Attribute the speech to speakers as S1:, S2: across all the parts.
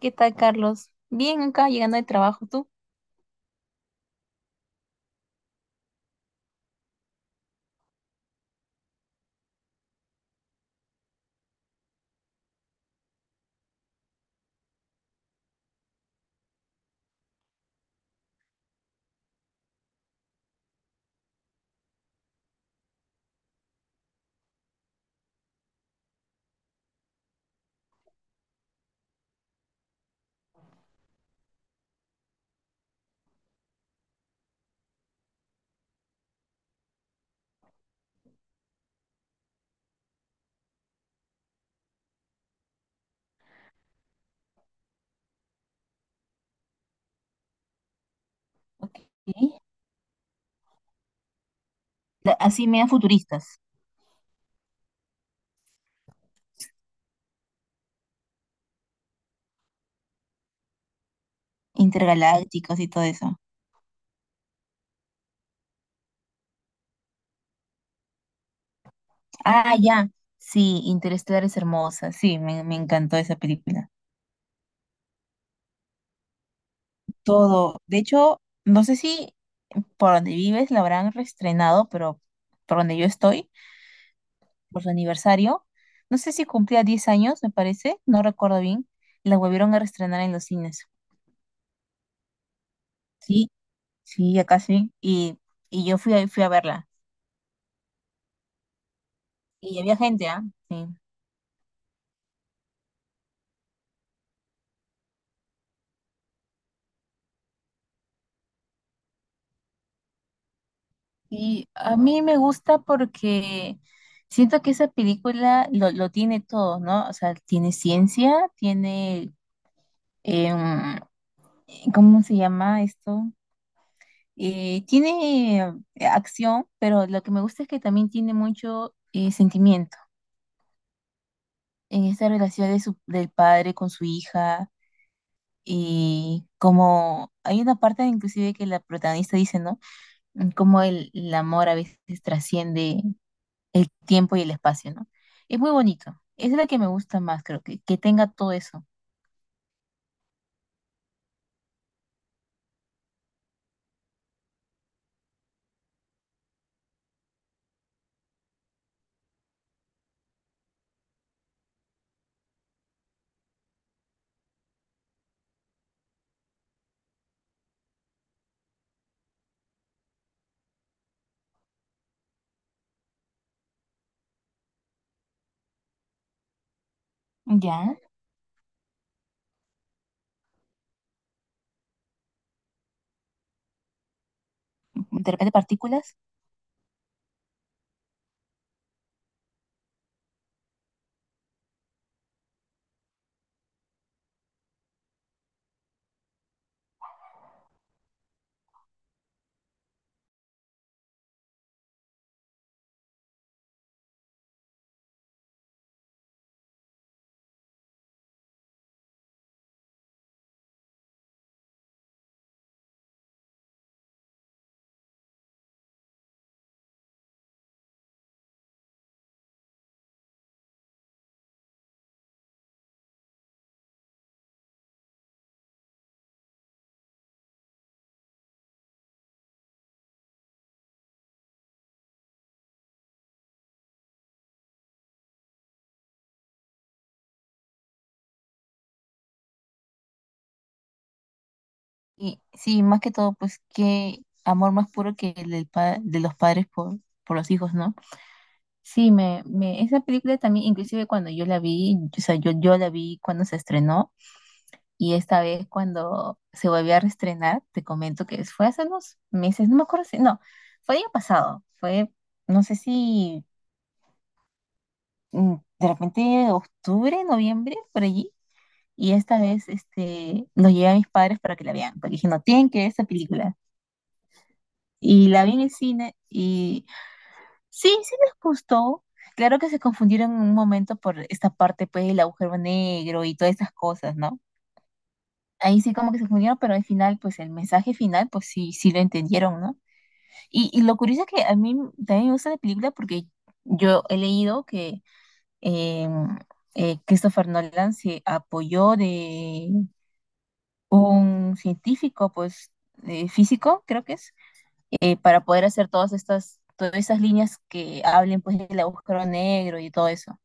S1: ¿Qué tal, Carlos? Bien, acá llegando de trabajo, ¿tú? Ok. Así medio futuristas, intergalácticos y todo eso. Ah, ya. Sí, Interestelar es hermosa. Sí, me encantó esa película. Todo. De hecho, no sé si por donde vives la habrán reestrenado, pero por donde yo estoy, por su aniversario, no sé si cumplía 10 años, me parece, no recuerdo bien, la volvieron a reestrenar en los cines. Sí, sí, acá sí. Y yo fui, fui a verla. Y había gente, ¿ah? Sí. Y a mí me gusta porque siento que esa película lo tiene todo, ¿no? O sea, tiene ciencia, tiene, em, ¿cómo se llama esto? Tiene acción, pero lo que me gusta es que también tiene mucho sentimiento en esta relación del padre con su hija. Y como hay una parte inclusive que la protagonista dice, ¿no? Como el amor a veces trasciende el tiempo y el espacio, ¿no? Es muy bonito. Es la que me gusta más, creo que tenga todo eso. Ya, de repente partículas. Y sí, más que todo, pues qué amor más puro que el del de los padres por los hijos, ¿no? Sí, esa película también, inclusive cuando yo la vi, o sea, yo la vi cuando se estrenó y esta vez cuando se volvió a reestrenar, te comento que fue hace unos meses, no me acuerdo si, no, fue el año pasado, fue, no sé si de repente octubre, noviembre, por allí. Y esta vez nos llevé a mis padres para que la vean, porque dije, no, tienen que ver esta película. Y la vi en el cine y sí, sí les gustó. Claro que se confundieron en un momento por esta parte, pues, del agujero negro y todas esas cosas, ¿no? Ahí sí como que se confundieron, pero al final, pues, el mensaje final, pues sí, sí lo entendieron, ¿no? Y lo curioso es que a mí también me gusta la película porque yo he leído que eh, Christopher Nolan se apoyó de un científico, pues físico, creo que es, para poder hacer todas esas líneas que hablen pues del agujero negro y todo eso.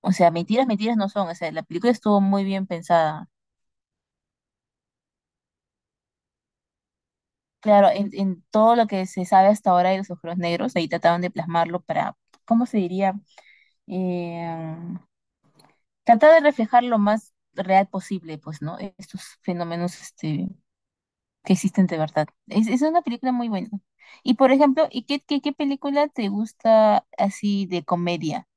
S1: O sea, mentiras, mentiras no son. O sea, la película estuvo muy bien pensada. Claro, en todo lo que se sabe hasta ahora de los agujeros negros, ahí trataban de plasmarlo para, ¿cómo se diría? Eh, tratar de reflejar lo más real posible, pues, ¿no? Estos fenómenos que existen de verdad. Es una película muy buena. Y por ejemplo, ¿y qué, película te gusta así de comedia?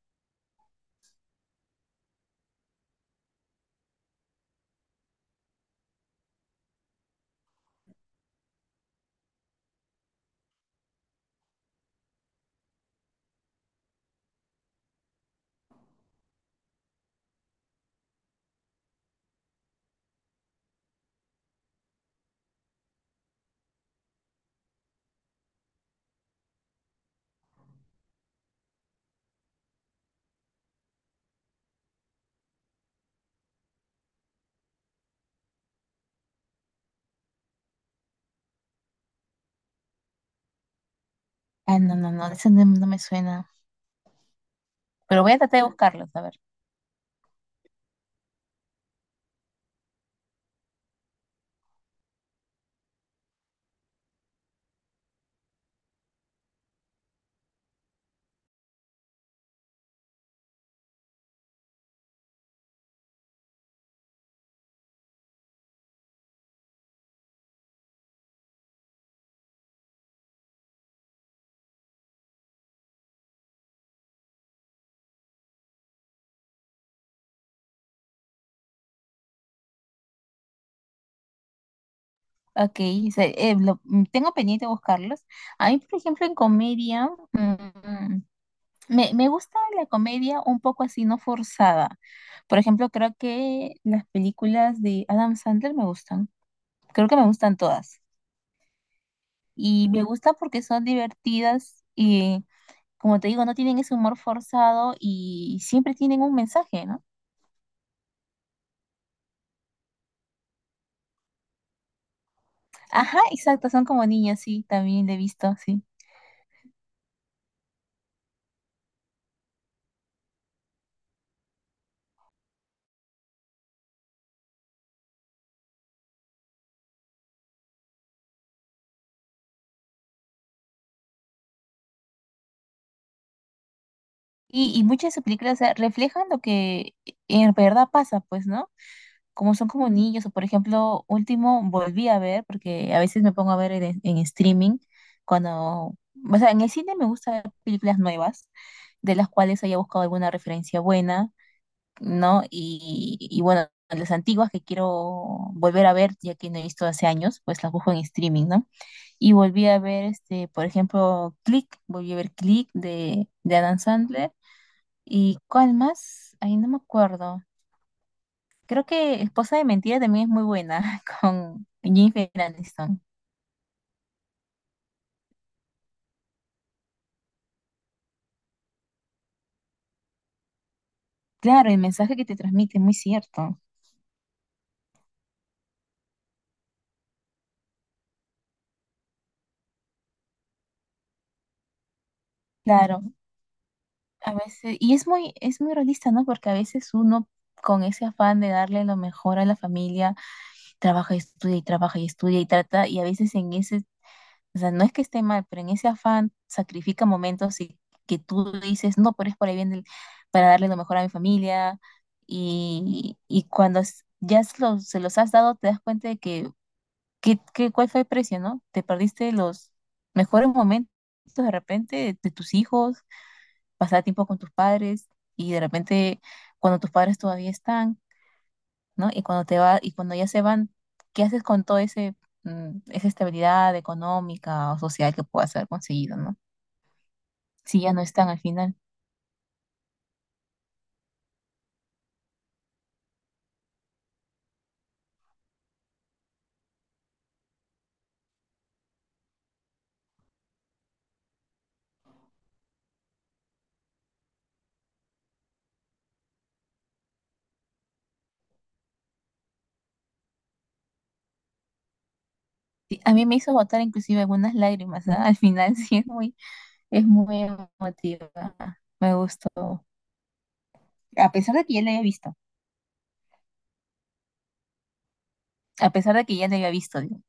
S1: Ah, no, no, no, esa no, no me suena. Pero voy a tratar de buscarlos, a ver. Ok, tengo pendiente de buscarlos. A mí, por ejemplo, en comedia, me gusta la comedia un poco así, no forzada. Por ejemplo, creo que las películas de Adam Sandler me gustan. Creo que me gustan todas. Y me gusta porque son divertidas y como te digo, no tienen ese humor forzado y siempre tienen un mensaje, ¿no? Ajá, exacto, son como niños, sí, también le he visto, sí. Y muchas de sus películas, o sea, reflejan lo que en verdad pasa, pues, ¿no? Como son como niños, o por ejemplo, último volví a ver, porque a veces me pongo a ver en, streaming, cuando, o sea, en el cine me gusta ver películas nuevas, de las cuales haya buscado alguna referencia buena, ¿no? Y bueno, las antiguas que quiero volver a ver, ya que no he visto hace años, pues las busco en streaming, ¿no? Y volví a ver, por ejemplo, Click, volví a ver Click de Adam Sandler. ¿Y cuál más? Ahí no me acuerdo. Creo que Esposa de Mentira también es muy buena con Jennifer Aniston. Claro, el mensaje que te transmite, muy cierto. Claro, a veces, y es muy realista, ¿no? Porque a veces uno con ese afán de darle lo mejor a la familia, trabaja y estudia y trabaja y estudia y trata, y a veces en ese, o sea, no es que esté mal, pero en ese afán sacrifica momentos y que tú dices, no, pero es por ahí bien para darle lo mejor a mi familia, y cuando ya se los has dado, te das cuenta de que, cuál fue el precio, ¿no? Te perdiste los mejores momentos de repente de tus hijos, pasar tiempo con tus padres, y de repente cuando tus padres todavía están, ¿no? Y cuando te va, y cuando ya se van, ¿qué haces con todo ese, esa estabilidad económica o social que puedas haber conseguido, ¿no? Si ya no están al final. Sí, a mí me hizo botar inclusive algunas lágrimas, ¿ah? Al final sí es muy emotiva. Me gustó. A pesar de que ya la había visto. A pesar de que ya la había visto, digo.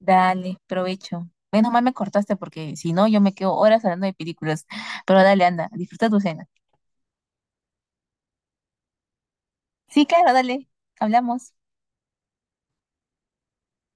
S1: Dale, provecho. Menos mal me cortaste porque si no yo me quedo horas hablando de películas. Pero dale, anda, disfruta tu cena. Sí, claro, dale. Hablamos.